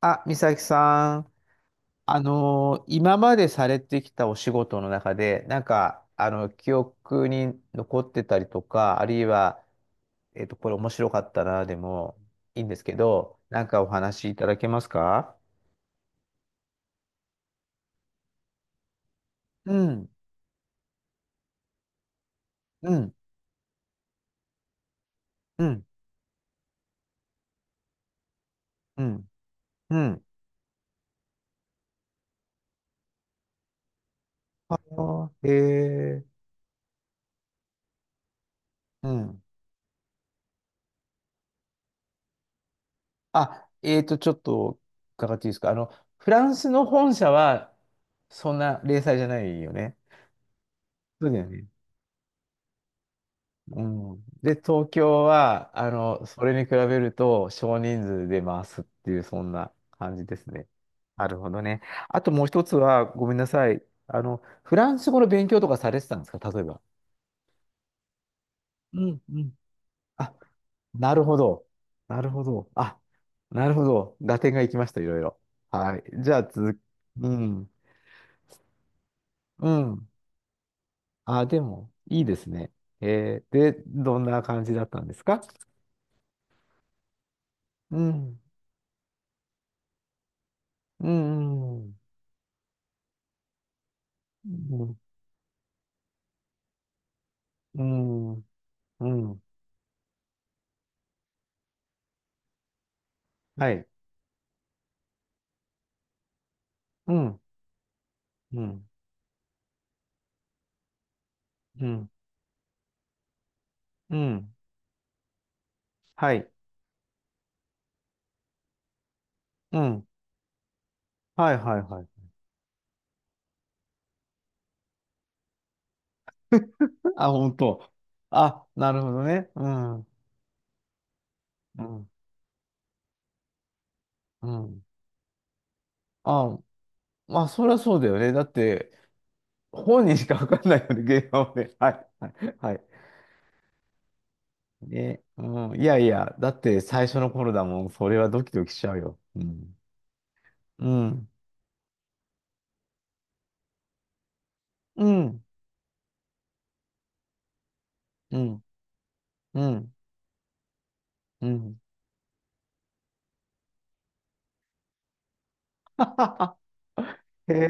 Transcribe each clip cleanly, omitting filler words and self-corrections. あ、美咲さん、今までされてきたお仕事の中で、記憶に残ってたりとか、あるいは、これ面白かったな、でもいいんですけど、なんかお話いただけますか？うん、うん、うん、うん、うん。あー、へー。うん。あ、ちょっと伺っていいですか？フランスの本社は、そんな零細じゃないよね。そうだよね。うん。で、東京は、それに比べると少人数で回すっていう、そんな感じですね。なるほどね。あともう一つは、ごめんなさい。フランス語の勉強とかされてたんですか、例えば。うんうん。あ、なるほど。なるほど。あ、なるほど。合点がいきました、いろいろ。はい。じゃあ、続き、うん。うん。あ、でも、いいですね。えー、で、どんな感じだったんですか？うん。うん。うん。うん、うん、はい、うん、うん、うん、うん、はい、うん、はい、はい、はい。あ、本当。あ、なるほどね。うん、うん、うん。あ、まあ、そりゃそうだよね。だって、本人しかわかんないよね、ゲームはね。はい、はい、はい。ね、うん、いやいや、だって最初の頃だもん。それはドキドキしちゃうよ。うん、うん、うん、うん、うん、うん。はははへえ、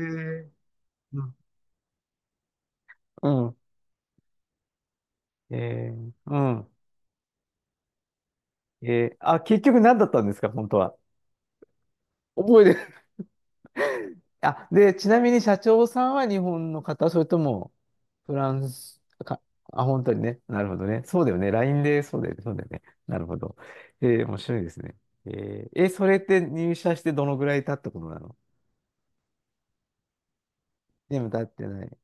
うん、うん、へえ、うん。えー、あ、結局何だったんですか、本当は。覚えて、あ、で、ちなみに社長さんは日本の方、それともフランスか、あ、本当にね。なるほどね。そうだよね。LINE で、そうだよね。そうだよね。なるほど。えー、面白いですね。えー、えそれって入社してどのぐらい経ったことなの？でも経ってない。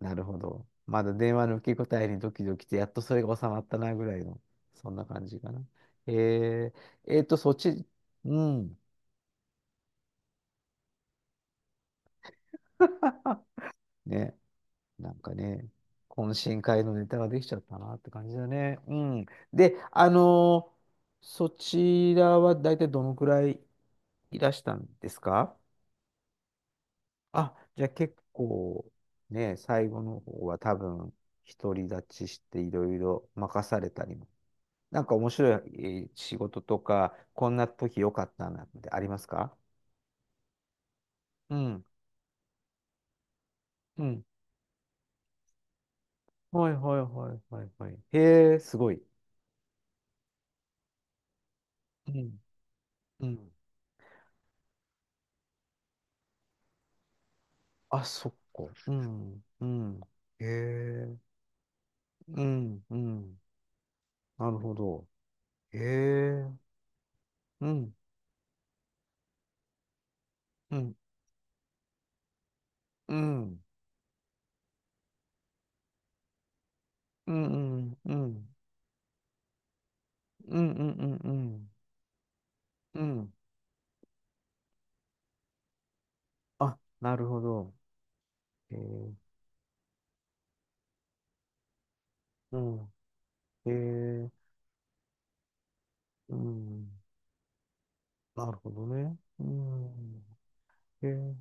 なるほど。まだ電話の受け答えにドキドキして、やっとそれが収まったなぐらいの、そんな感じかな。えー、そっち、うん。ね。なんかね、懇親会のネタができちゃったなって感じだね。うん。で、そちらは大体どのくらいいらしたんですか？あ、じゃあ結構ね、最後の方は多分独り立ちしていろいろ任されたりも。なんか面白い、えー仕事とか、こんな時良かったなってありますか？うん。うん。はいはいはいはいはい。へえ、すごい。うん。うん。あ、そっか。うん、うん。へえ、うん、うん。なるほど。へえ、うん、うん、うん、うん、うん、うん、うん、うん、うん、うん。うん、あ、なるほど。へえ、うん、へえ、うん。なるほどね。うん、へえ。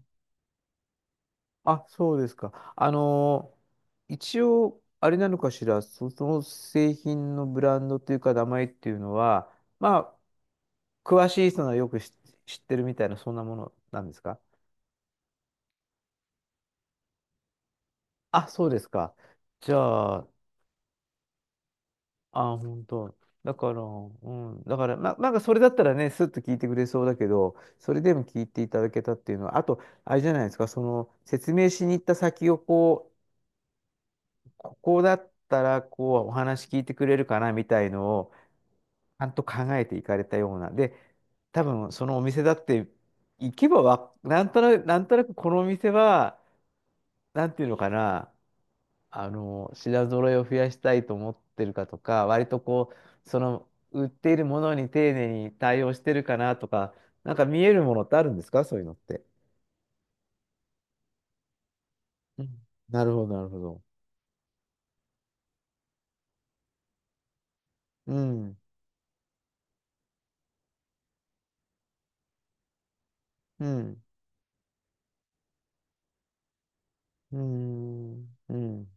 あ、そうですか。一応、あれなのかしら、そ、その製品のブランドというか、名前っていうのは、まあ、詳しい人がよく知、知ってるみたいな、そんなものなんですか？あ、そうですか。じゃあ、あ、本当。だから、うん。だから、ま、なんかそれだったらね、スッと聞いてくれそうだけど、それでも聞いていただけたっていうのは、あと、あれじゃないですか、その、説明しに行った先をこ、ここだったらこうお話聞いてくれるかなみたいのをちゃんと考えていかれたような。で、多分そのお店だって行けばわ、なんとなく、なんとなくこのお店は、なんていうのかな、品揃えを増やしたいと思ってるかとか、割とこう、その売っているものに丁寧に対応してるかなとか、なんか見えるものってあるんですか、そういうのって。うん、なるほど、なるほど。うん、うん、うん、うん。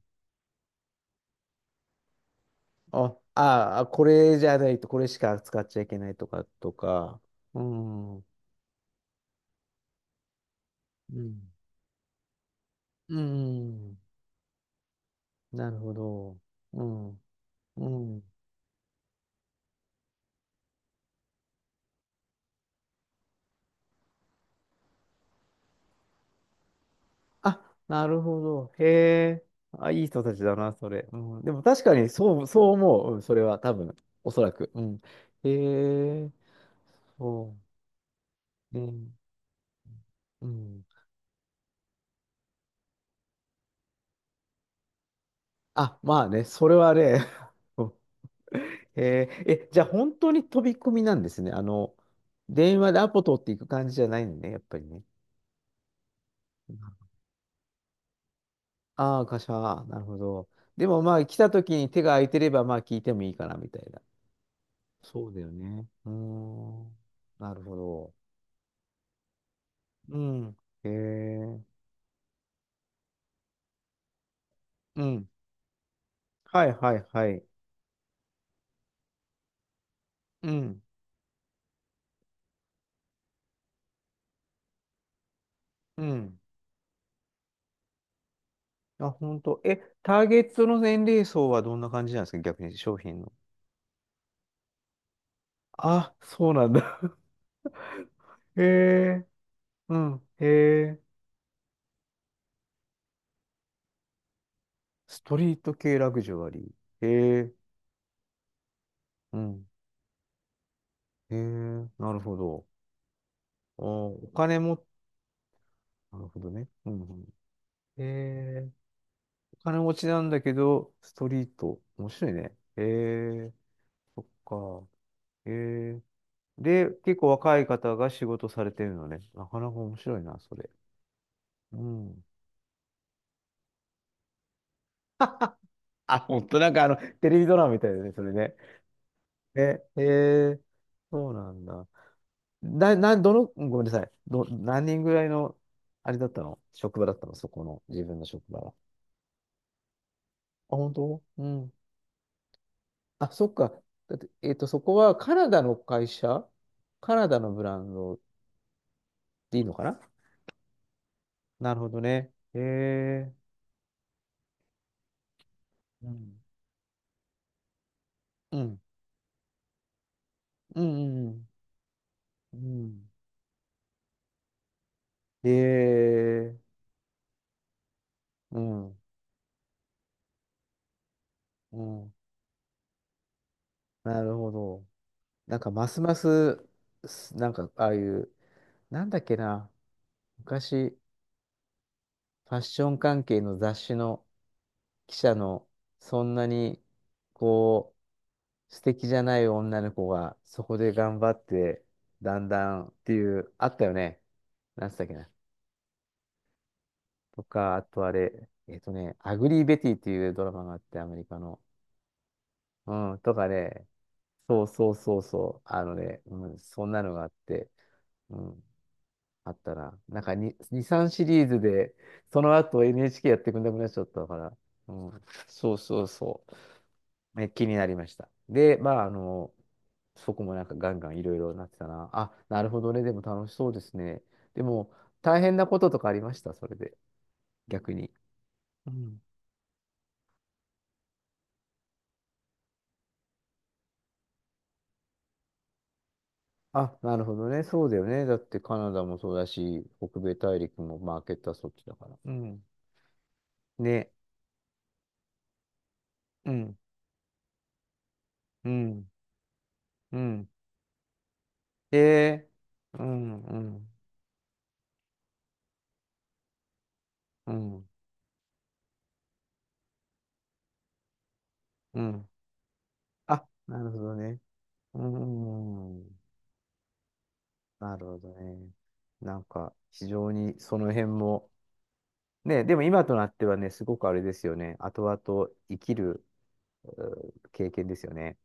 あ、ああ、これじゃないと、これしか使っちゃいけないとか、とか。うん。うん。うん。なるほど。うん。うん。あ、なるほど。へえ。あ、いい人たちだな、それ。うん。でも確かに、そう、そう思う。うん、それは多分、おそらく。うん。へえ。そう。ね。うん。あ、まあね、それはね、えー、え、じゃあ本当に飛び込みなんですね。電話でアポ取っていく感じじゃないのね、やっぱりね。ああー、会社、なるほど。でもまあ、来た時に手が空いてれば、まあ、聞いてもいいかな、みたいな。そうだよね。うーん。なるほど。うん。へえ。うん。はいはいはい。うん。うん。あ、本当。え、ターゲットの年齢層はどんな感じなんですか、逆に商品の。あ、そうなんだ。へえ。うん。へえ。ストリート系ラグジュアリー。へえ、うん。へえ、なるほど。お、お金も、なるほどね。うんうん。へえ、お金持ちなんだけど、ストリート。面白いね。へえ、そっか。へえ。で、結構若い方が仕事されてるのね。なかなか面白いな、それ。うん。あ、ほんと、なんかあの、テレビドラマみたいだね、それね。ね、へえ、そうなんだ。な、な、どの、ごめんなさい。ど、何人ぐらいの、あれだったの職場だったのそこの、自分の職場は。あ、本当、うん。あ、そっか。だって、そこはカナダの会社、カナダのブランドでいいのかな？なるほどね。へえ。うん。うん。うん。うん、うん。へえ。うん。うん。なるほど。なんか、ますます、す、なんか、ああいう、なんだっけな。昔、ファッション関係の雑誌の、記者の、そんなに、こう、素敵じゃない女の子が、そこで頑張って、だんだんっていう、あったよね。なんつったっけな。とか、あとあれ、アグリー・ベティっていうドラマがあって、アメリカの。うん、とかね、そうそうそうそう、あのね、うん、そんなのがあって、うん、あったな。なんか2、2、3シリーズで、その後 NHK やってくんなくなっちゃったから、うん、そうそうそう。え、気になりました。で、まあ、そこもなんかガンガンいろいろなってたな。あ、なるほどね。でも楽しそうですね。でも、大変なこととかありました、それで、逆に。うん。あ、なるほどね。そうだよね。だってカナダもそうだし、北米大陸もマーケットはそっちだから。うん。ね。うん。うん。うん。えー。うん。うん。うん。うん。あ、なるほどね。うん。なるほどね。なんか、非常にその辺も、ね、でも今となってはね、すごくあれですよね。後々生きるうー経験ですよね。